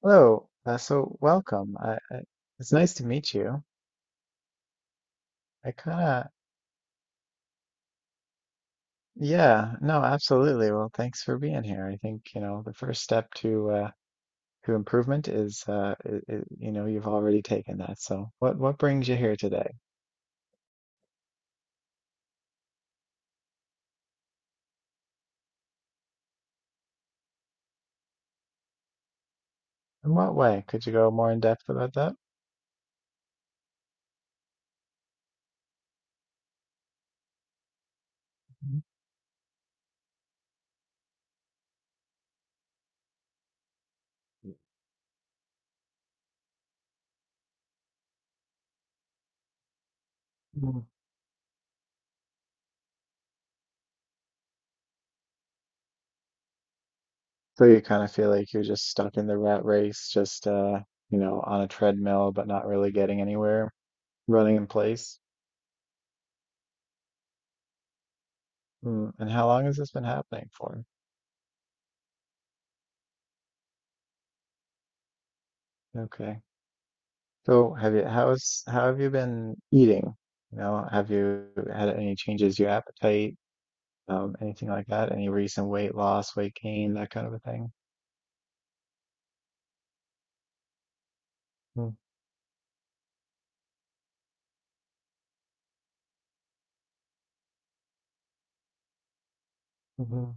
Hello. So welcome. It's nice to meet you. I kind of, yeah, no, absolutely. Well, thanks for being here. I think, you know, the first step to to improvement is, I you know, you've already taken that. So what brings you here today? In what way? Could you go more in depth about that? Mhm. Mm. So you kind of feel like you're just stuck in the rat race, just, you know, on a treadmill, but not really getting anywhere, running in place. Mm. And how long has this been happening for? Okay. So how have you been eating? You know, have you had any changes to your appetite, anything like that? Any recent weight loss, weight gain, that kind of a thing? Mm-hmm.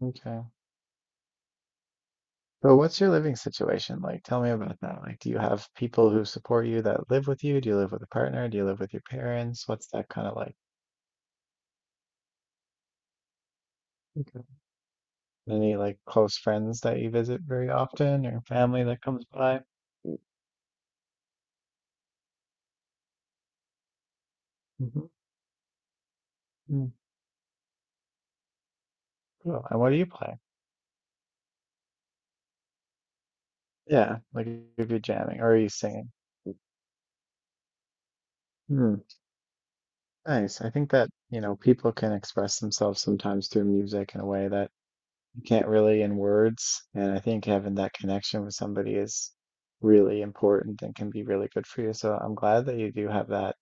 Okay. So what's your living situation like? Tell me about that. Like, do you have people who support you that live with you? Do you live with a partner? Do you live with your parents? What's that kind of like? Okay. Any like close friends that you visit very often or family that comes by? Mm-hmm. Cool. And what do you play? Yeah, like if you're jamming or are you singing? Nice. I think that, you know, people can express themselves sometimes through music in a way that you can't really in words. And I think having that connection with somebody is really important and can be really good for you. So I'm glad that you do have that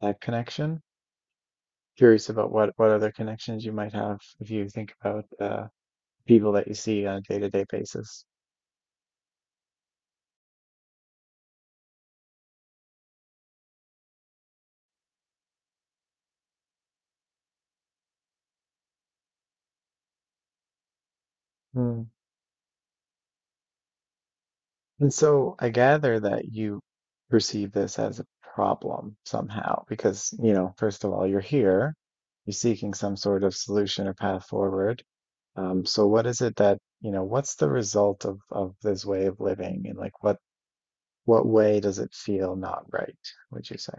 that connection. Curious about what other connections you might have if you think about people that you see on a day-to-day basis. Hmm. And so I gather that you perceive this as a problem somehow, because, you know, first of all, you're here, you're seeking some sort of solution or path forward. So what is it that, you know, what's the result of this way of living and like what way does it feel not right, would you say?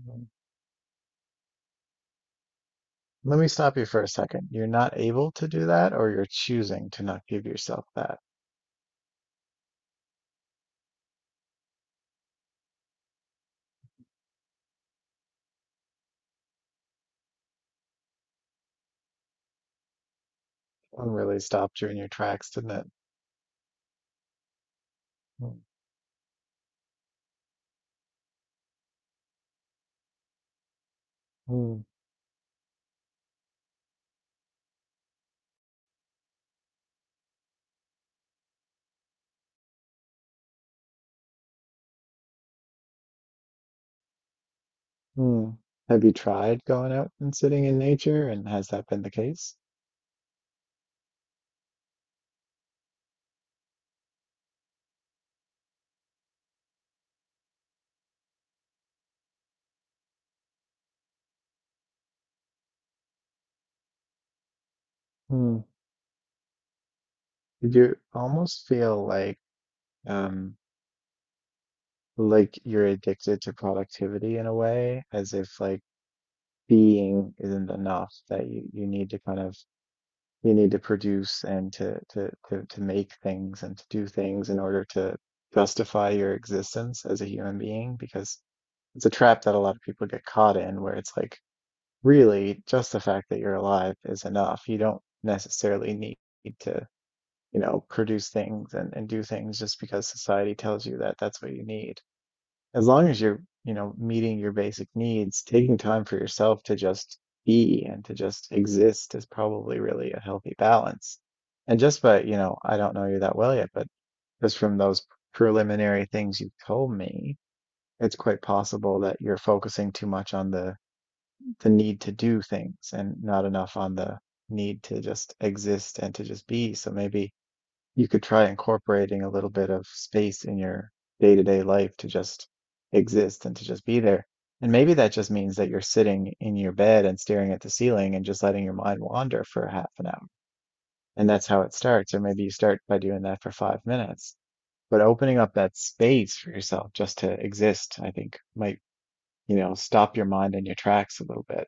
Mm. Let me stop you for a second. You're not able to do that, or you're choosing to not give yourself that. One really stopped you in your tracks, didn't it? Mm. Mm. Hmm. Have you tried going out and sitting in nature, and has that been the case? Hmm. Did you almost feel um like you're addicted to productivity in a way, as if like being isn't enough, that you need to kind of you need to produce and to make things and to do things in order to justify your existence as a human being, because it's a trap that a lot of people get caught in where it's like really just the fact that you're alive is enough. You don't necessarily need to, you know, produce things and do things just because society tells you that that's what you need. As long as you're, you know, meeting your basic needs, taking time for yourself to just be and to just exist is probably really a healthy balance. And just by, you know, I don't know you that well yet, but just from those preliminary things you've told me, it's quite possible that you're focusing too much on the need to do things and not enough on the need to just exist and to just be. So maybe you could try incorporating a little bit of space in your day-to-day life to just exist and to just be there. And maybe that just means that you're sitting in your bed and staring at the ceiling and just letting your mind wander for half an hour. And that's how it starts. Or maybe you start by doing that for 5 minutes. But opening up that space for yourself just to exist, I think might, you know, stop your mind in your tracks a little bit.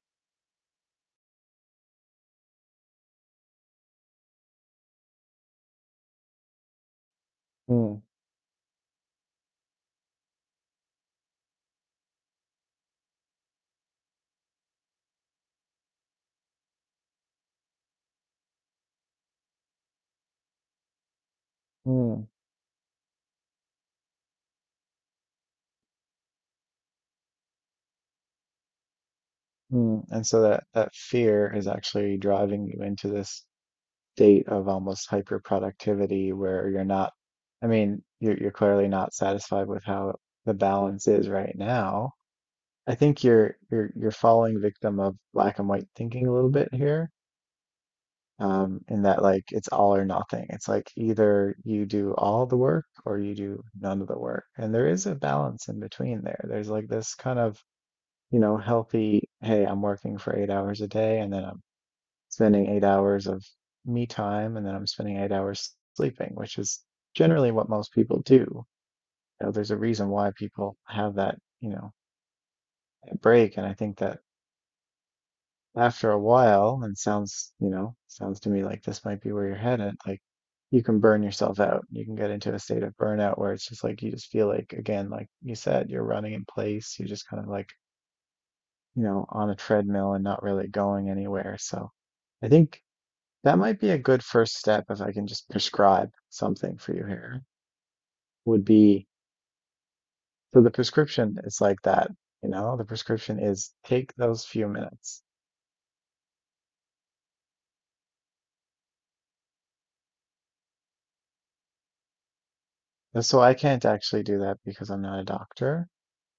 Mm, mm. Mm, and so that that fear is actually driving you into this state of almost hyper productivity where you're not, I mean, you're clearly not satisfied with how the balance is right now. I think you're falling victim of black and white thinking a little bit here, in that like it's all or nothing. It's like either you do all the work or you do none of the work. And there is a balance in between there. There's like this kind of you know, healthy, hey, I'm working for 8 hours a day and then I'm spending 8 hours of me time and then I'm spending 8 hours sleeping, which is generally what most people do. You know, there's a reason why people have that, you know, that break. And I think that after a while, and sounds, you know, sounds to me like this might be where you're headed, like you can burn yourself out. You can get into a state of burnout where it's just like you just feel like, again, like you said, you're running in place. You're just kind of like, you know, on a treadmill and not really going anywhere. So I think that might be a good first step if I can just prescribe something for you here. Would be so the prescription is like that, you know? The prescription is take those few minutes. And so I can't actually do that because I'm not a doctor.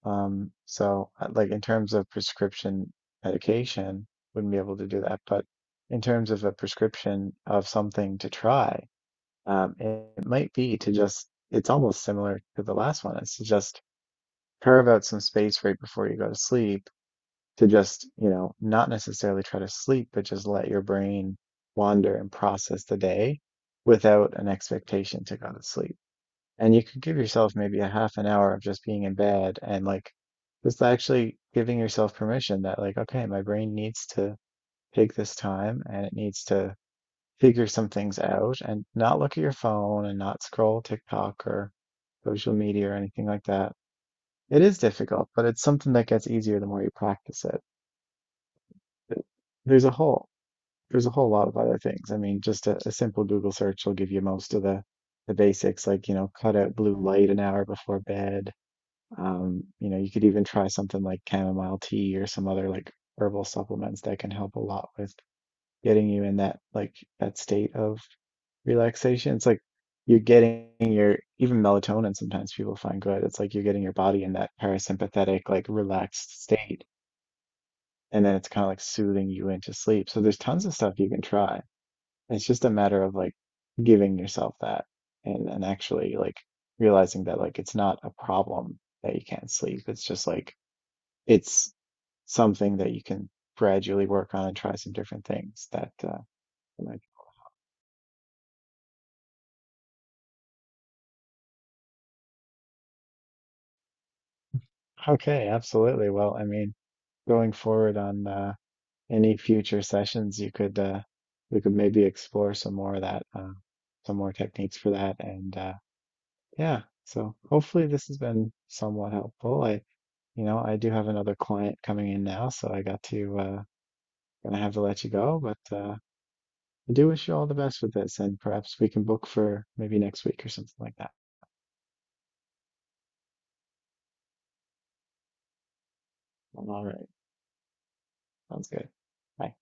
Like in terms of prescription medication, wouldn't be able to do that. But in terms of a prescription of something to try, it might be to just, it's almost similar to the last one. It's to just carve out some space right before you go to sleep to just, you know, not necessarily try to sleep, but just let your brain wander and process the day without an expectation to go to sleep. And you could give yourself maybe a half an hour of just being in bed and like just actually giving yourself permission that, like, okay, my brain needs to take this time and it needs to figure some things out and not look at your phone and not scroll TikTok or social media or anything like that. It is difficult, but it's something that gets easier the more you practice it. There's a whole there's a whole lot of other things. I mean, just a simple Google search will give you most of the basics, like, you know, cut out blue light an hour before bed. You know, you could even try something like chamomile tea or some other like herbal supplements that can help a lot with getting you in that like that state of relaxation. It's like you're getting your even melatonin sometimes people find good. It's like you're getting your body in that parasympathetic, like relaxed state and then it's kind of like soothing you into sleep. So there's tons of stuff you can try. It's just a matter of like giving yourself that and actually like realizing that like it's not a problem that you can't sleep. It's just like it's something that you can gradually work on and try some different things that might- Okay, absolutely. Well, I mean, going forward on any future sessions, you could we could maybe explore some more of that some more techniques for that and yeah. So hopefully this has been somewhat helpful. I, you know, I do have another client coming in now, so I got to gonna have to let you go, but I do wish you all the best with this and perhaps we can book for maybe next week or something like that. All right. Sounds good. Bye.